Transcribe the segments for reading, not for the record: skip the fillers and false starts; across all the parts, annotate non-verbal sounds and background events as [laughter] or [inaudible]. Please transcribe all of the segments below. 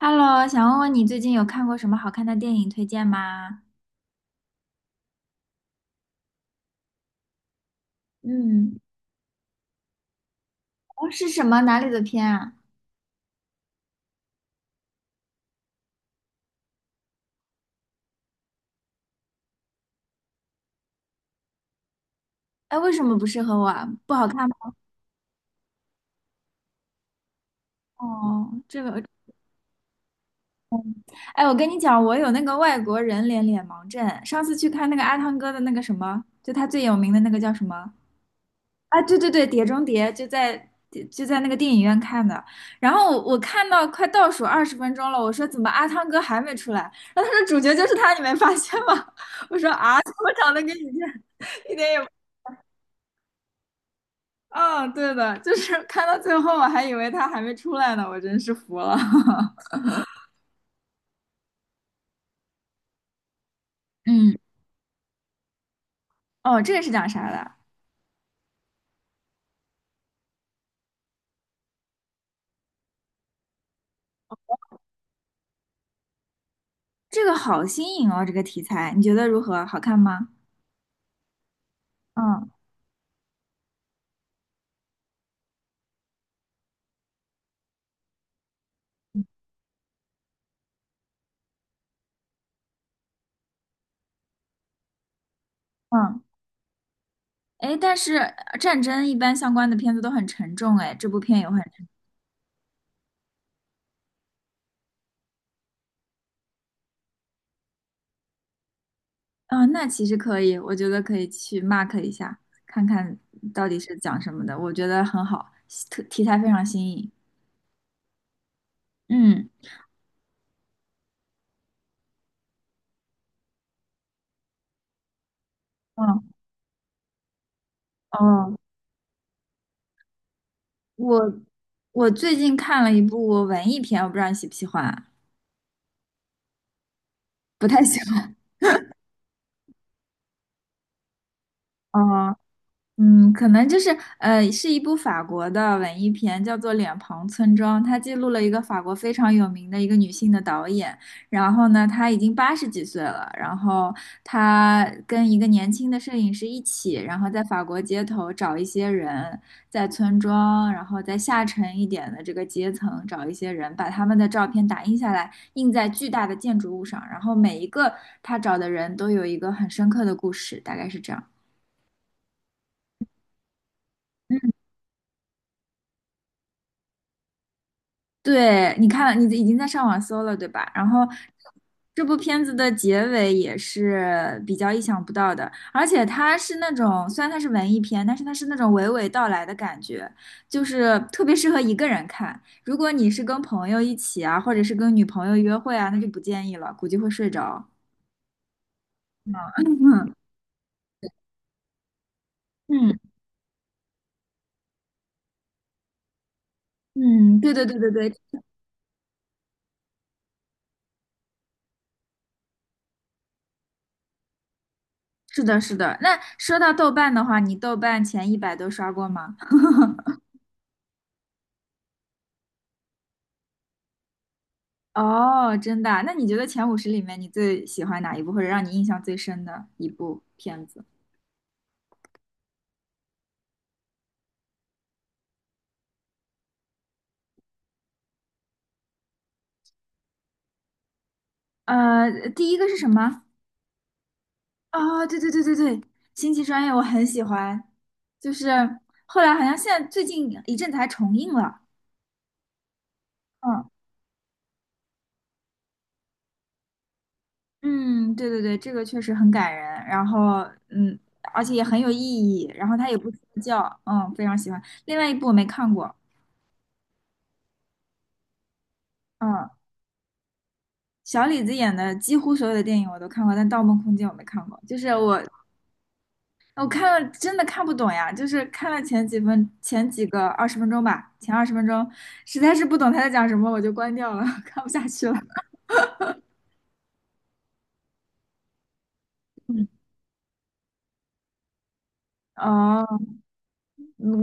Hello，想问问你最近有看过什么好看的电影推荐吗？嗯，哦，是什么？哪里的片啊？哎，为什么不适合我啊？不好看吗？哦，这个，哎，我跟你讲，我有那个外国人脸盲症。上次去看那个阿汤哥的那个什么，就他最有名的那个叫什么？啊，对对对，《碟中谍》就在那个电影院看的。然后我看到快倒数二十分钟了，我说怎么阿汤哥还没出来？然后他说主角就是他，你没发现吗？[laughs] 我说啊，怎么长得跟你这 [laughs]，一点也不嗯，对的，就是看到最后，我还以为他还没出来呢，我真是服了。[laughs] 嗯，哦，这个是讲啥的？这个好新颖哦，这个题材，你觉得如何？好看吗？嗯嗯，哎，但是战争一般相关的片子都很沉重，哎，这部片有很沉，啊、那其实可以，我觉得可以去 mark 一下，看看到底是讲什么的，我觉得很好，特题材非常新颖。嗯，嗯哦，我我最近看了一部文艺片，我不知道你喜不喜欢，不太喜欢。[laughs] 哦，嗯，可能就是是一部法国的文艺片，叫做《脸庞村庄》，它记录了一个法国非常有名的一个女性的导演。然后呢，她已经80几岁了，然后她跟一个年轻的摄影师一起，然后在法国街头找一些人，在村庄，然后在下沉一点的这个阶层找一些人，把他们的照片打印下来，印在巨大的建筑物上，然后每一个他找的人都有一个很深刻的故事，大概是这样。嗯，对，你看了你已经在上网搜了，对吧？然后这部片子的结尾也是比较意想不到的，而且它是那种，虽然它是文艺片，但是它是那种娓娓道来的感觉，就是特别适合一个人看。如果你是跟朋友一起啊，或者是跟女朋友约会啊，那就不建议了，估计会睡着。嗯 [laughs] 嗯嗯，对对对对对，是的，是的。那说到豆瓣的话，你豆瓣前100都刷过吗？哦，真的啊那你觉得前五十里面你最喜欢哪一部，或者让你印象最深的一部片子？呃，第一个是什么？哦，对对对对对，《星际穿越》我很喜欢，就是后来好像现在最近一阵子还重映了。嗯嗯，对对对，这个确实很感人，然后嗯，而且也很有意义，然后它也不说教，嗯，非常喜欢。另外一部我没看过，嗯。小李子演的几乎所有的电影我都看过，但《盗梦空间》我没看过。就是我看了真的看不懂呀，就是看了前几个20分钟吧，前20分钟实在是不懂他在讲什么，我就关掉了，[laughs] 看不下去了。嗯哦，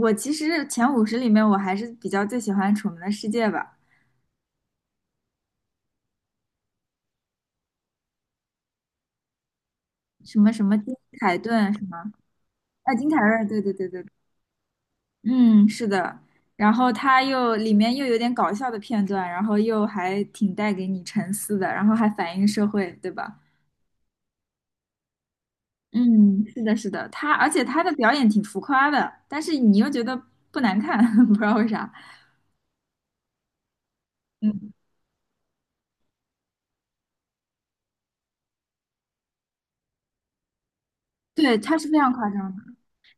我其实前五十里面我还是比较最喜欢《楚门的世界》吧，什么金凯顿什么，啊，金凯瑞，对对对对，嗯，是的。然后他又里面又有点搞笑的片段，然后又还挺带给你沉思的，然后还反映社会，对吧？嗯，是的，是的，他，而且他的表演挺浮夸的，但是你又觉得不难看，[laughs] 不知道为啥。嗯，对，他是非常夸张的，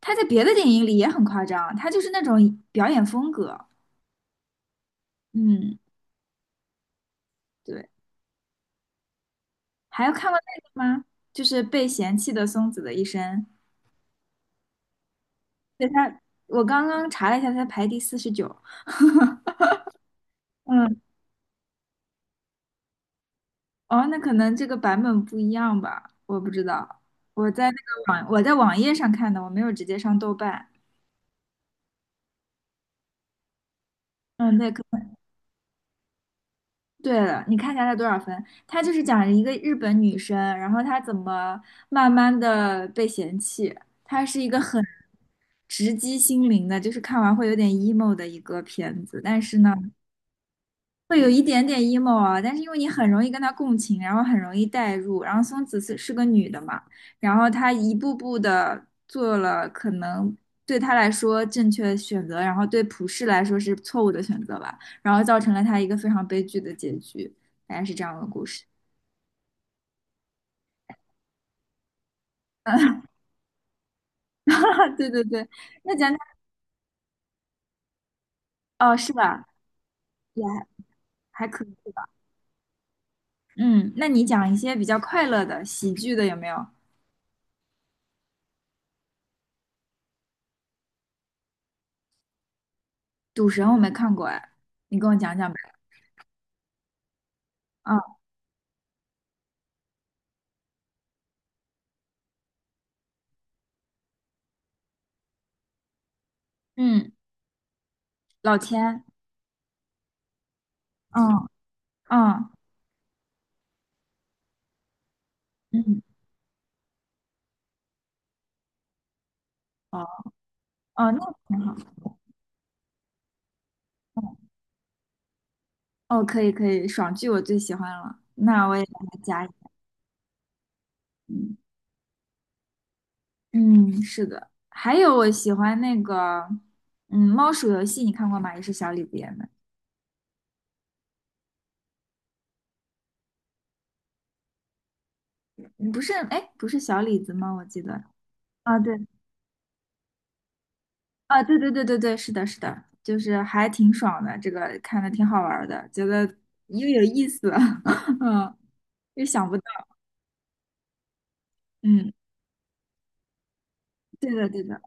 他在别的电影里也很夸张，他就是那种表演风格。嗯，对，还有看过那个吗？就是被嫌弃的松子的一生，对他，我刚刚查了一下，他排第49。[laughs] 嗯，哦，那可能这个版本不一样吧，我不知道。我在那个网，我在网页上看的，我没有直接上豆瓣。嗯，对。对了，你看一下他多少分？他就是讲一个日本女生，然后她怎么慢慢的被嫌弃。她是一个很直击心灵的，就是看完会有点 emo 的一个片子。但是呢，会有一点点 emo 啊，但是因为你很容易跟他共情，然后很容易代入，然后松子是个女的嘛，然后她一步步的做了可能对她来说正确的选择，然后对普世来说是错误的选择吧，然后造成了她一个非常悲剧的结局，大概是这样的故事。[laughs] 对对对，那讲讲哦，是吧？也还还可以吧。嗯，那你讲一些比较快乐的喜剧的有没有？赌神我没看过哎，你跟我讲讲呗。啊，嗯，老千。嗯。嗯嗯，哦，哦，那挺好。哦，可以可以，爽剧我最喜欢了，那我也把它加一。嗯嗯，是的，还有我喜欢那个，嗯，猫鼠游戏你看过吗？也是小李子演的，嗯不是，哎，不是小李子吗？我记得。啊，对，啊，对对对对对，是的，是的，就是还挺爽的，这个看的挺好玩儿的，觉得又有意思，[laughs] 嗯，又想不到，嗯，对的对的，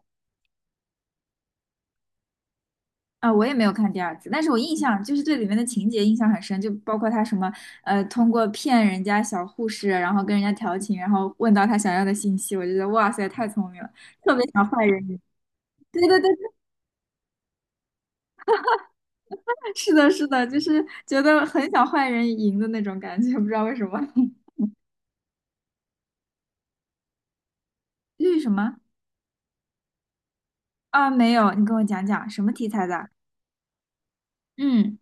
啊，我也没有看第二次，但是我印象就是对里面的情节印象很深，就包括他什么通过骗人家小护士，然后跟人家调情，然后问到他想要的信息，我就觉得哇塞，太聪明了，特别想坏人赢。对对对，是的，是的，就是觉得很想坏人赢的那种感觉，不知道为什么。[laughs] 绿什么？啊，没有，你跟我讲讲什么题材的？嗯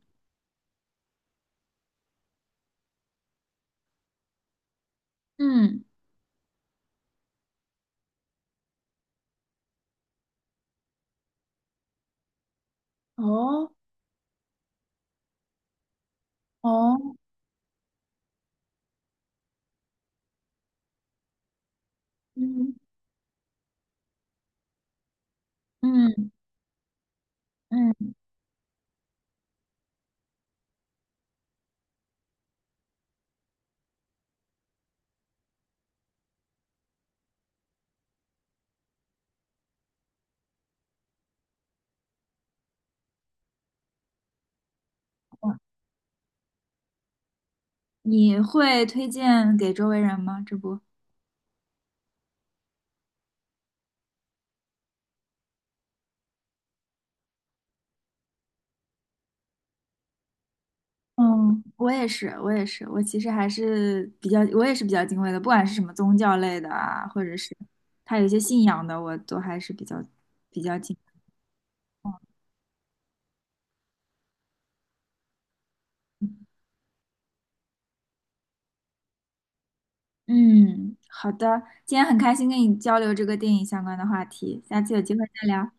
嗯，哦哦，嗯嗯嗯，你会推荐给周围人吗？这不。嗯我也是，我也是，我其实还是比较，我也是比较敬畏的，不管是什么宗教类的啊，或者是他有一些信仰的，我都还是比较敬畏嗯，好的，今天很开心跟你交流这个电影相关的话题，下次有机会再聊。